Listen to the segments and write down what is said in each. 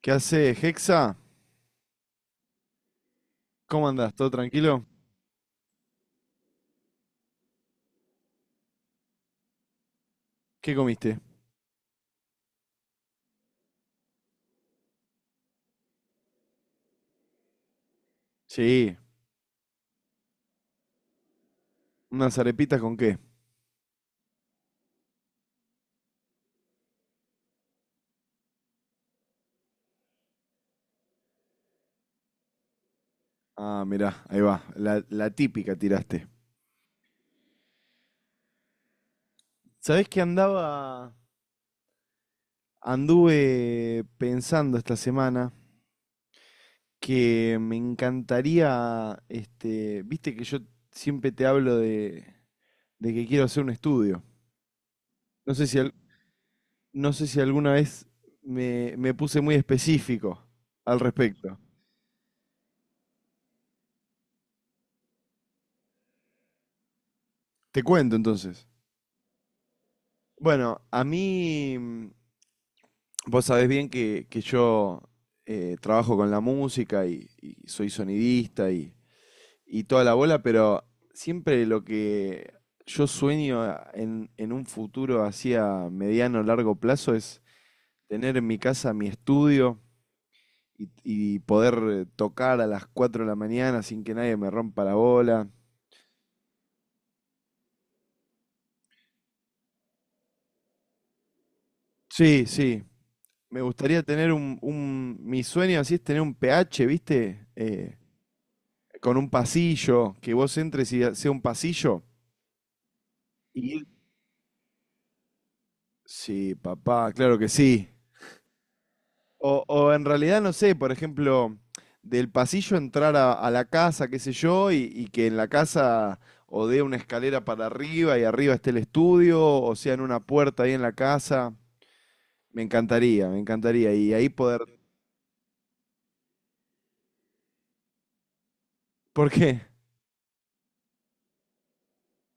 ¿Qué hace, Hexa? ¿Cómo andás? ¿Todo tranquilo? ¿Qué comiste? Sí, unas arepitas con qué. Ah, mirá, ahí va, la típica tiraste. ¿Sabés que anduve pensando esta semana que me encantaría, este, viste que yo siempre te hablo de que quiero hacer un estudio. No sé si, alguna vez me puse muy específico al respecto. Te cuento entonces. Bueno, vos sabés bien que yo trabajo con la música y soy sonidista y toda la bola, pero siempre lo que yo sueño en un futuro así a mediano, o largo plazo es tener en mi casa mi estudio y poder tocar a las 4 de la mañana sin que nadie me rompa la bola. Sí, sí. Me gustaría tener mi sueño así es tener un PH, ¿viste? Con un pasillo, que vos entres y sea un pasillo. Y sí, papá, claro que sí. O en realidad, no sé, por ejemplo, del pasillo entrar a la casa, qué sé yo, y que en la casa o dé una escalera para arriba y arriba esté el estudio, o sea, en una puerta ahí en la casa. Me encantaría, me encantaría. Y ahí poder. ¿Por qué?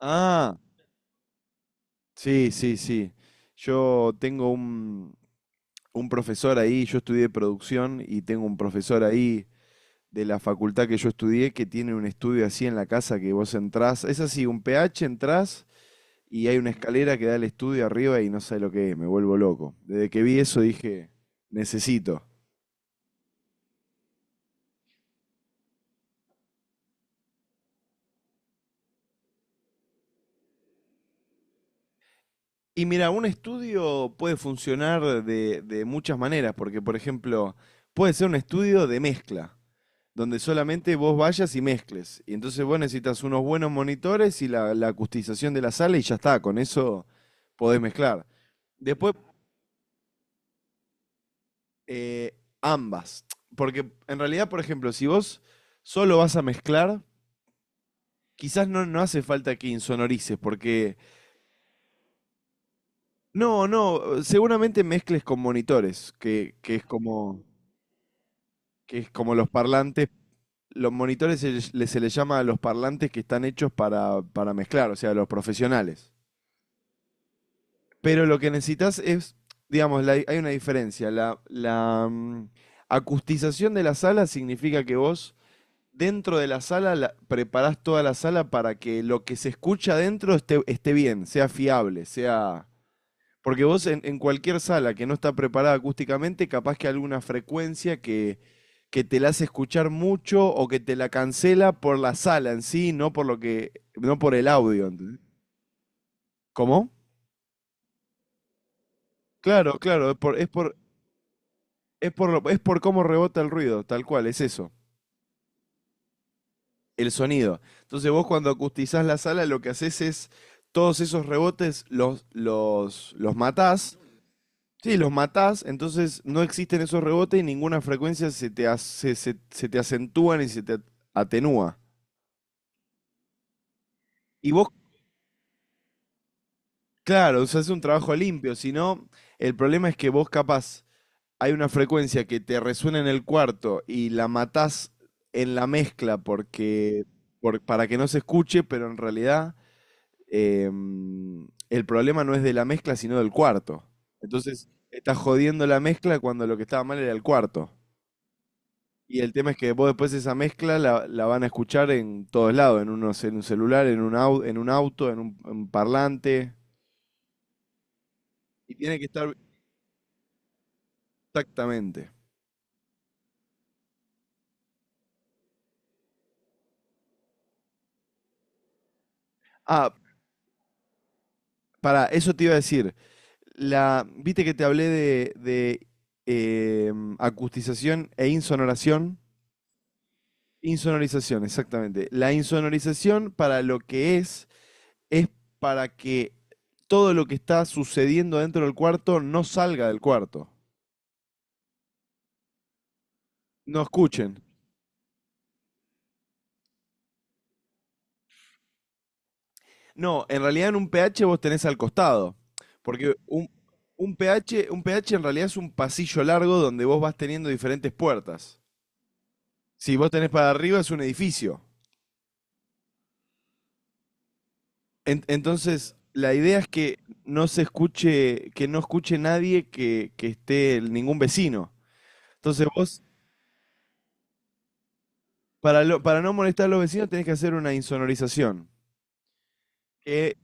Ah, sí, sí, sí. Yo tengo un profesor ahí, yo estudié producción y tengo un profesor ahí de la facultad que yo estudié que tiene un estudio así en la casa que vos entrás. Es así, un PH entrás y hay una escalera que da al estudio arriba y no sé lo que es, me vuelvo loco. Desde que vi eso dije, necesito. Y mira, un estudio puede funcionar de muchas maneras, porque por ejemplo, puede ser un estudio de mezcla, donde solamente vos vayas y mezcles. Y entonces vos necesitas unos buenos monitores y la acustización de la sala y ya está, con eso podés mezclar. Después eh, ambas. Porque en realidad, por ejemplo, si vos solo vas a mezclar, quizás no hace falta que insonorices, porque no, no, seguramente mezcles con monitores, que es como los parlantes. Los monitores se les llama a los parlantes que están hechos para mezclar, o sea, los profesionales. Pero lo que necesitas es, digamos, hay una diferencia. La, acustización de la sala significa que vos dentro de la sala, preparás toda la sala para que lo que se escucha adentro esté bien, sea fiable, sea. Porque vos en cualquier sala que no está preparada acústicamente, capaz que alguna frecuencia que te la hace escuchar mucho o que te la cancela por la sala en sí, no por lo que, no por el audio. ¿Entendés? ¿Cómo? Claro, claro, es por cómo rebota el ruido, tal cual, es eso. El sonido. Entonces vos cuando acustizás la sala lo que haces es todos esos rebotes los matás. Sí, los matás, entonces no existen esos rebotes y ninguna frecuencia se te acentúa ni se te atenúa. Y vos, claro, se hace un trabajo limpio, si no, el problema es que vos capaz hay una frecuencia que te resuena en el cuarto y la matás en la mezcla para que no se escuche, pero en realidad eh, el problema no es de la mezcla, sino del cuarto. Entonces, estás jodiendo la mezcla cuando lo que estaba mal era el cuarto. Y el tema es que vos después esa mezcla la van a escuchar en todos lados, en un celular, en un auto, en parlante. Y tiene que estar exactamente. Ah, para, eso te iba a decir. Viste que te hablé de eh, acustización e insonoración. Insonorización, exactamente. La insonorización para lo que es para que todo lo que está sucediendo dentro del cuarto no salga del cuarto. No escuchen. No, en realidad en un pH vos tenés al costado. Porque un pH en realidad es un pasillo largo donde vos vas teniendo diferentes puertas. Si vos tenés para arriba es un edificio. Entonces, la idea es que no se escuche, que no escuche nadie que esté ningún vecino. Entonces vos, para no molestar a los vecinos, tenés que hacer una insonorización. Que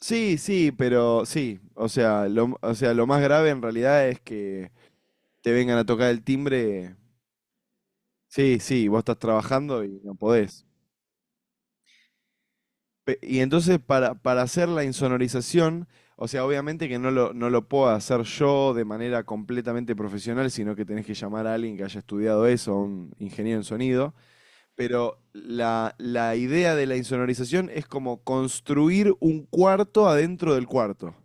Sí, sí, pero sí. O sea, lo más grave en realidad es que te vengan a tocar el timbre. Sí, sí, vos estás trabajando y no podés. Y entonces para hacer la insonorización, o sea, obviamente que no lo puedo hacer yo de manera completamente profesional, sino que tenés que llamar a alguien que haya estudiado eso, a un ingeniero en sonido. Pero la idea de la insonorización es como construir un cuarto adentro del cuarto.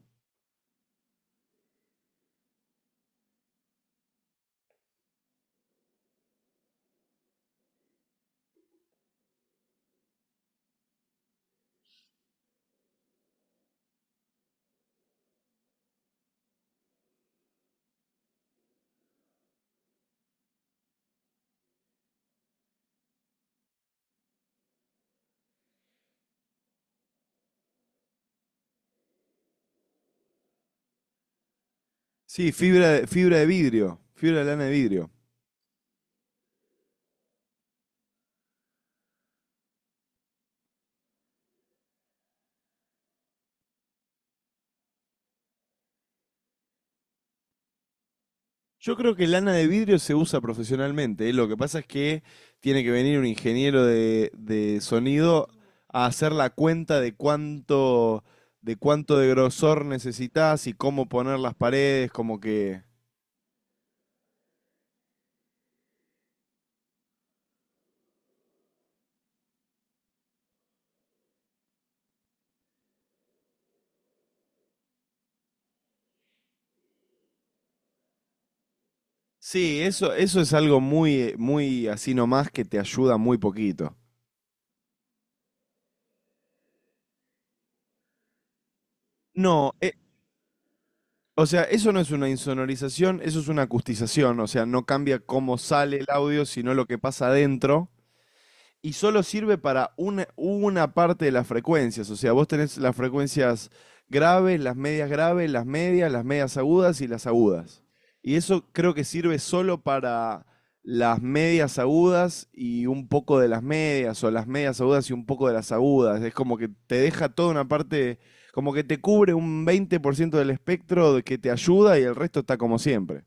Sí, fibra de vidrio, fibra de lana de vidrio. Yo creo que lana de vidrio se usa profesionalmente, ¿eh? Lo que pasa es que tiene que venir un ingeniero de sonido a hacer la cuenta de cuánto de grosor necesitas y cómo poner las paredes, como que. Sí, eso es algo muy así nomás que te ayuda muy poquito. No, o sea, eso no es una insonorización, eso es una acustización, o sea, no cambia cómo sale el audio, sino lo que pasa adentro. Y solo sirve para una parte de las frecuencias. O sea, vos tenés las frecuencias graves, las medias agudas y las agudas. Y eso creo que sirve solo para las medias agudas y un poco de las medias, o las medias agudas y un poco de las agudas. Es como que te deja toda una parte, como que te cubre un 20% del espectro de que te ayuda y el resto está como siempre.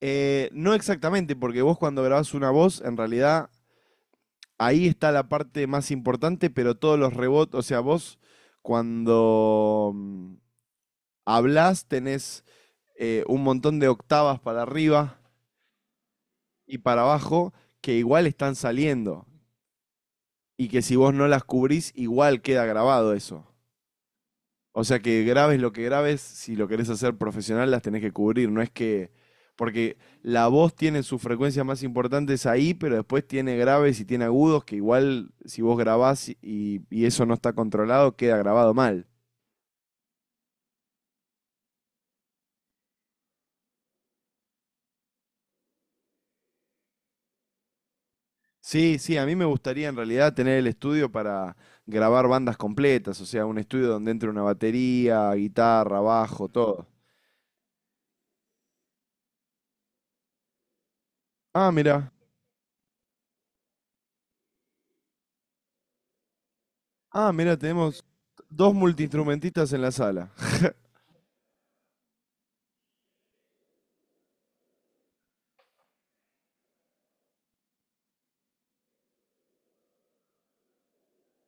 No exactamente, porque vos cuando grabás una voz, en realidad ahí está la parte más importante, pero todos los rebotes, o sea, vos cuando hablás tenés un montón de octavas para arriba y para abajo que igual están saliendo y que si vos no las cubrís, igual queda grabado eso. O sea que grabes lo que grabes, si lo querés hacer profesional, las tenés que cubrir. No es que. Porque la voz tiene sus frecuencias más importantes ahí, pero después tiene graves y tiene agudos que igual si vos grabás y eso no está controlado, queda grabado mal. Sí, sí, a mí me gustaría en realidad tener el estudio para grabar bandas completas, o sea, un estudio donde entre una batería, guitarra, bajo, todo. Ah, mira, ah, mira, tenemos dos multiinstrumentistas en la sala.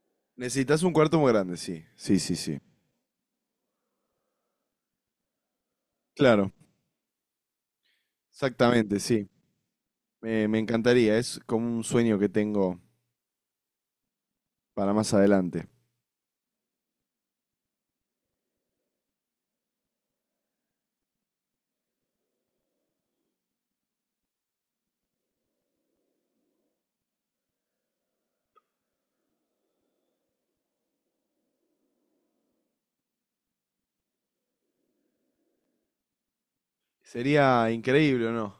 Necesitas un cuarto muy grande, sí, sí, sí, sí. Claro, exactamente, sí. Me encantaría, es como un sueño que tengo para más adelante. Sería increíble, ¿o no?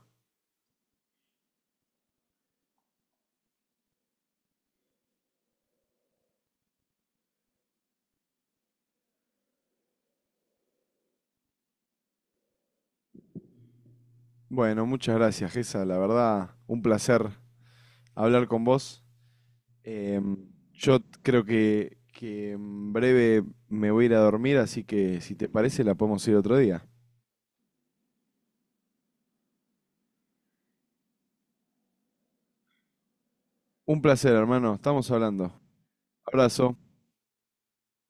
Bueno, muchas gracias, Gesa. La verdad, un placer hablar con vos. Em, yo creo que en breve me voy a ir a dormir, así que si te parece, la podemos ir otro día. Un placer, hermano. Estamos hablando. Abrazo.